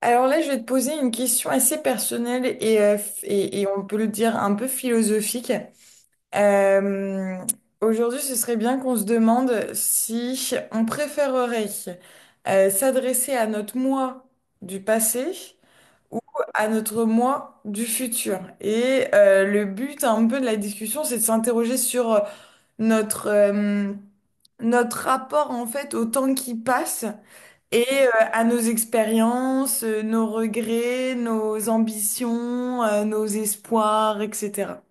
Alors là, je vais te poser une question assez personnelle et, f- et on peut le dire un peu philosophique. Euh, Aujourd'hui, ce serait bien qu'on se demande si on préférerait s'adresser à notre moi du passé ou à notre moi du futur. Le but un peu de la discussion, c'est de s'interroger sur notre, notre rapport en fait au temps qui passe et à nos expériences, nos regrets, nos ambitions, nos espoirs, etc.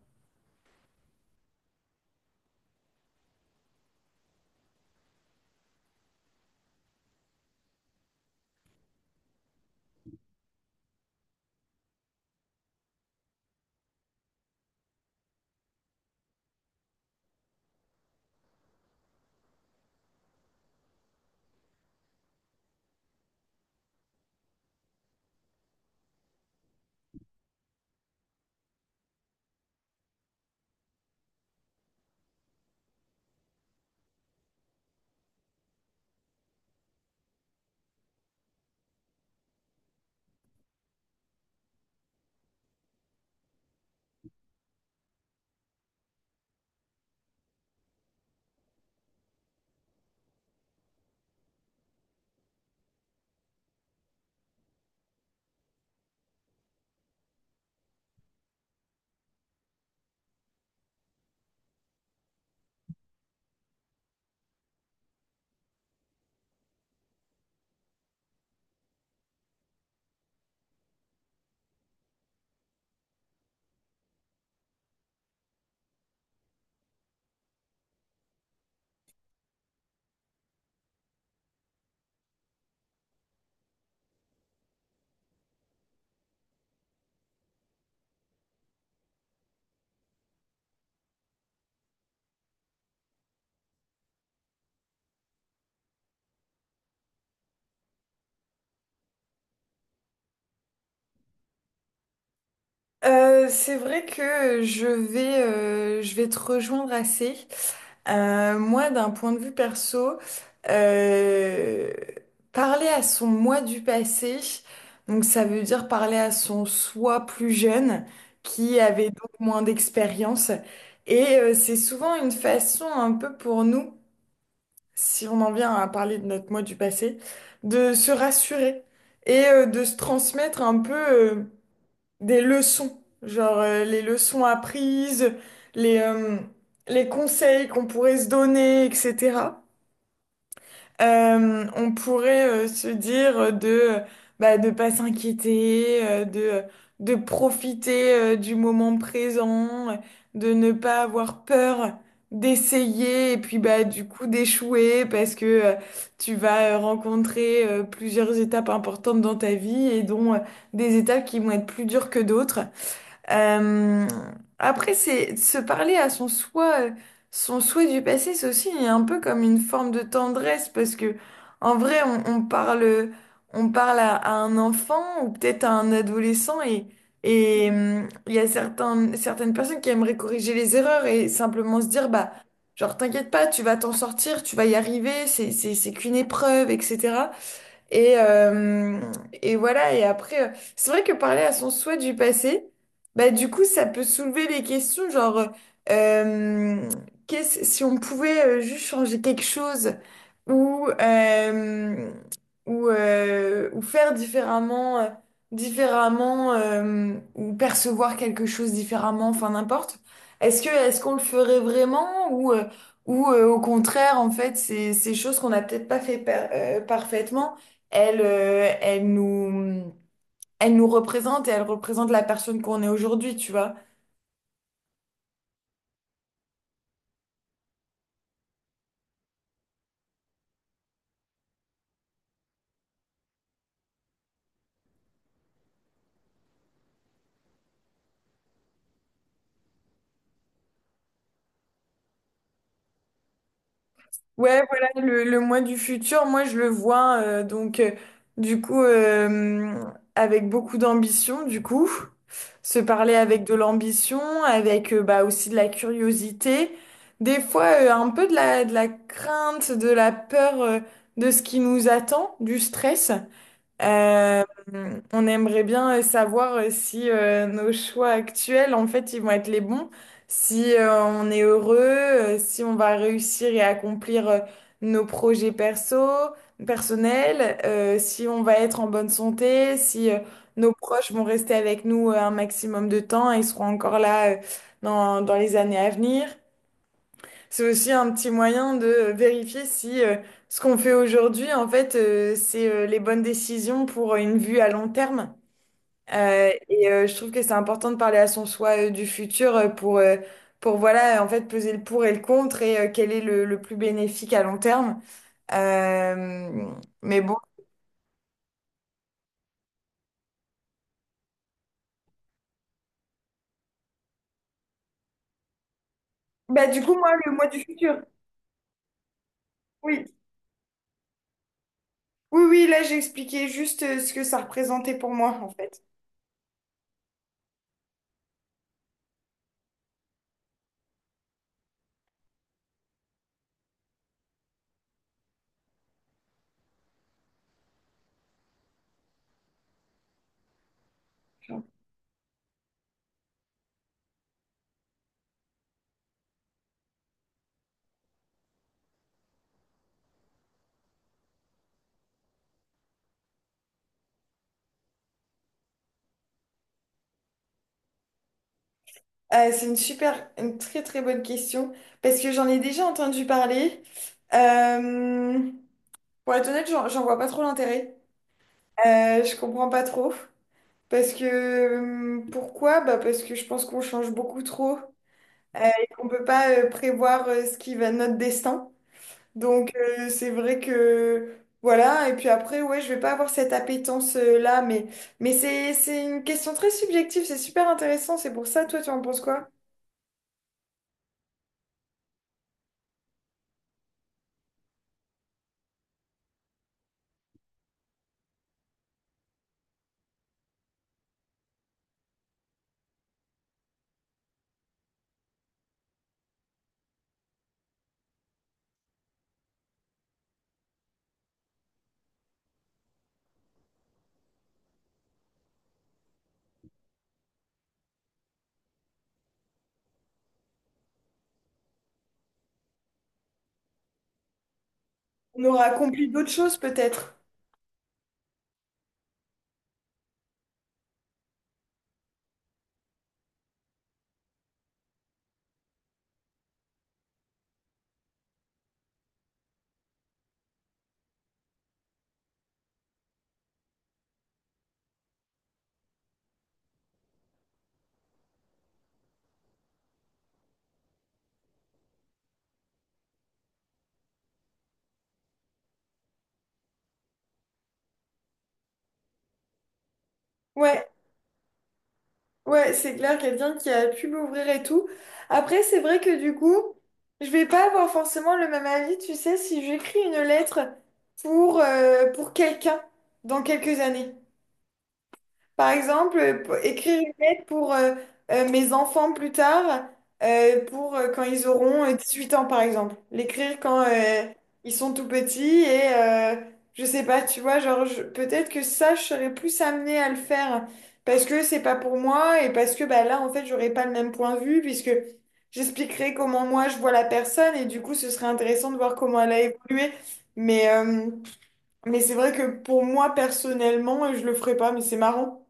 C'est vrai que je vais te rejoindre assez. Moi, d'un point de vue perso, euh, parler à son moi du passé, donc ça veut dire parler à son soi plus jeune, qui avait donc moins d'expérience. C'est souvent une façon un peu pour nous si on en vient à parler de notre moi du passé, de se rassurer et de se transmettre un peu des leçons, genre les leçons apprises, les, euh, les conseils qu'on pourrait se donner, etc. On pourrait se dire de bah, de pas s'inquiéter, de profiter du moment présent, de ne pas avoir peur d'essayer et puis bah du coup d'échouer parce que tu vas rencontrer plusieurs étapes importantes dans ta vie et dont des étapes qui vont être plus dures que d'autres. Euh, Après, c'est se parler à son soi, son souhait du passé, c'est aussi un peu comme une forme de tendresse parce que en vrai, on parle à un enfant ou peut-être à un adolescent et il y a certaines personnes qui aimeraient corriger les erreurs et simplement se dire bah genre t'inquiète pas, tu vas t'en sortir, tu vas y arriver, c'est qu'une épreuve, etc. Et, euh, et voilà, et après, c'est vrai que parler à son souhait du passé, bah du coup, ça peut soulever les questions, genre, euh, qu'est-ce, si on pouvait juste changer quelque chose ou, euh, ou faire différemment, ou percevoir quelque chose différemment, enfin n'importe. Est-ce qu'on le ferait vraiment ou, au contraire, en fait, c'est choses qu'on n'a peut-être pas fait parfaitement, elle, euh, elle nous, elle nous représente et elle représente la personne qu'on est aujourd'hui, tu vois. Ouais, voilà, le moi du futur, moi je le vois, du coup, euh, avec beaucoup d'ambition, du coup, se parler avec de l'ambition, avec bah, aussi de la curiosité, des fois un peu de de la crainte, de la peur de ce qui nous attend, du stress. Euh, on aimerait bien savoir si nos choix actuels, en fait, ils vont être les bons, si on est heureux, si on va réussir et accomplir nos projets perso, personnels, si on va être en bonne santé, si nos proches vont rester avec nous un maximum de temps et seront encore là dans, dans les années à venir. C'est aussi un petit moyen de vérifier si ce qu'on fait aujourd'hui, en fait, c'est les bonnes décisions pour une vue à long terme. Et je trouve que c'est important de parler à son soi du futur, pour voilà, en fait, peser le pour et le contre et quel est le plus bénéfique à long terme. Euh, mais bon. Bah, du coup, moi, le mois du futur. Oui. Oui, oui, là, j'ai expliqué juste ce que ça représentait pour moi, en fait. C'est une super, une très très bonne question parce que j'en ai déjà entendu parler. Euh, pour être honnête, j'en vois pas trop l'intérêt. Je comprends pas trop. Parce que pourquoi? Bah parce que je pense qu'on change beaucoup trop et qu'on peut pas prévoir ce qui va notre destin. Donc c'est vrai que voilà. Et puis après, ouais, je vais pas avoir cette appétence là, mais c'est une question très subjective. C'est super intéressant. C'est pour ça, toi, tu en penses quoi? On aura accompli d'autres choses peut-être. Ouais, ouais, c'est clair, quelqu'un qui a pu m'ouvrir et tout. Après, c'est vrai que du coup, je vais pas avoir forcément le même avis, tu sais, si j'écris une lettre pour quelqu'un dans quelques années. Par exemple, écrire une lettre pour mes enfants plus tard, pour quand ils auront 8 ans, par exemple. L'écrire quand ils sont tout petits et je sais pas, tu vois, peut-être que ça, je serais plus amenée à le faire parce que c'est pas pour moi et parce que bah, là, en fait, j'aurais pas le même point de vue puisque j'expliquerai comment moi je vois la personne et du coup, ce serait intéressant de voir comment elle a évolué. Mais, euh, mais c'est vrai que pour moi, personnellement, je le ferais pas, mais c'est marrant.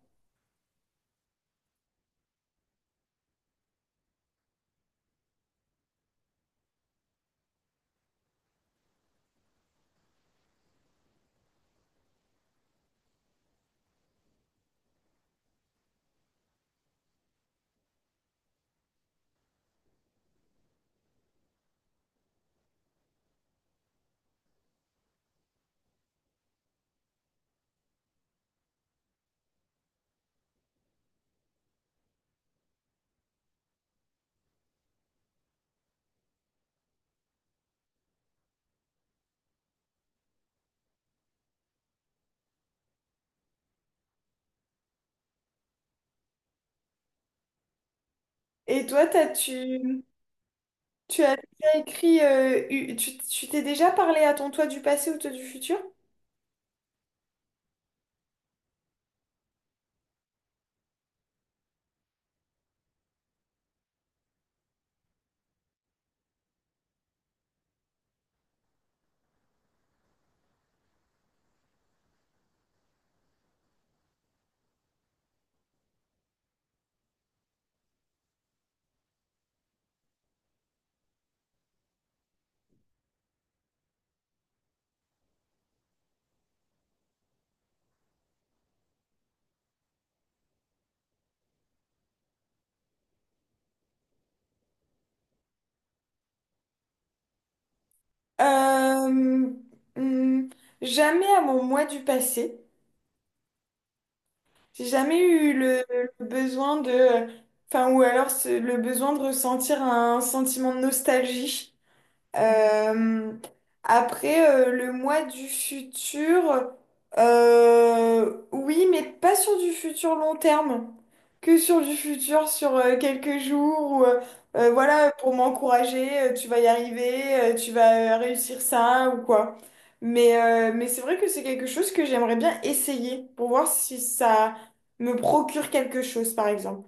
Et toi, tu as déjà écrit, tu t'es déjà parlé à ton toi du passé ou toi du futur? Euh, hmm, jamais à mon moi du passé. J'ai jamais eu le besoin de, enfin, ou alors le besoin de ressentir un sentiment de nostalgie. Euh, le moi du futur, oui, mais pas sur du futur long terme, que sur du futur sur quelques jours, ou, voilà, pour m'encourager, tu vas y arriver, tu vas réussir ça ou quoi. Mais c'est vrai que c'est quelque chose que j'aimerais bien essayer pour voir si ça me procure quelque chose, par exemple.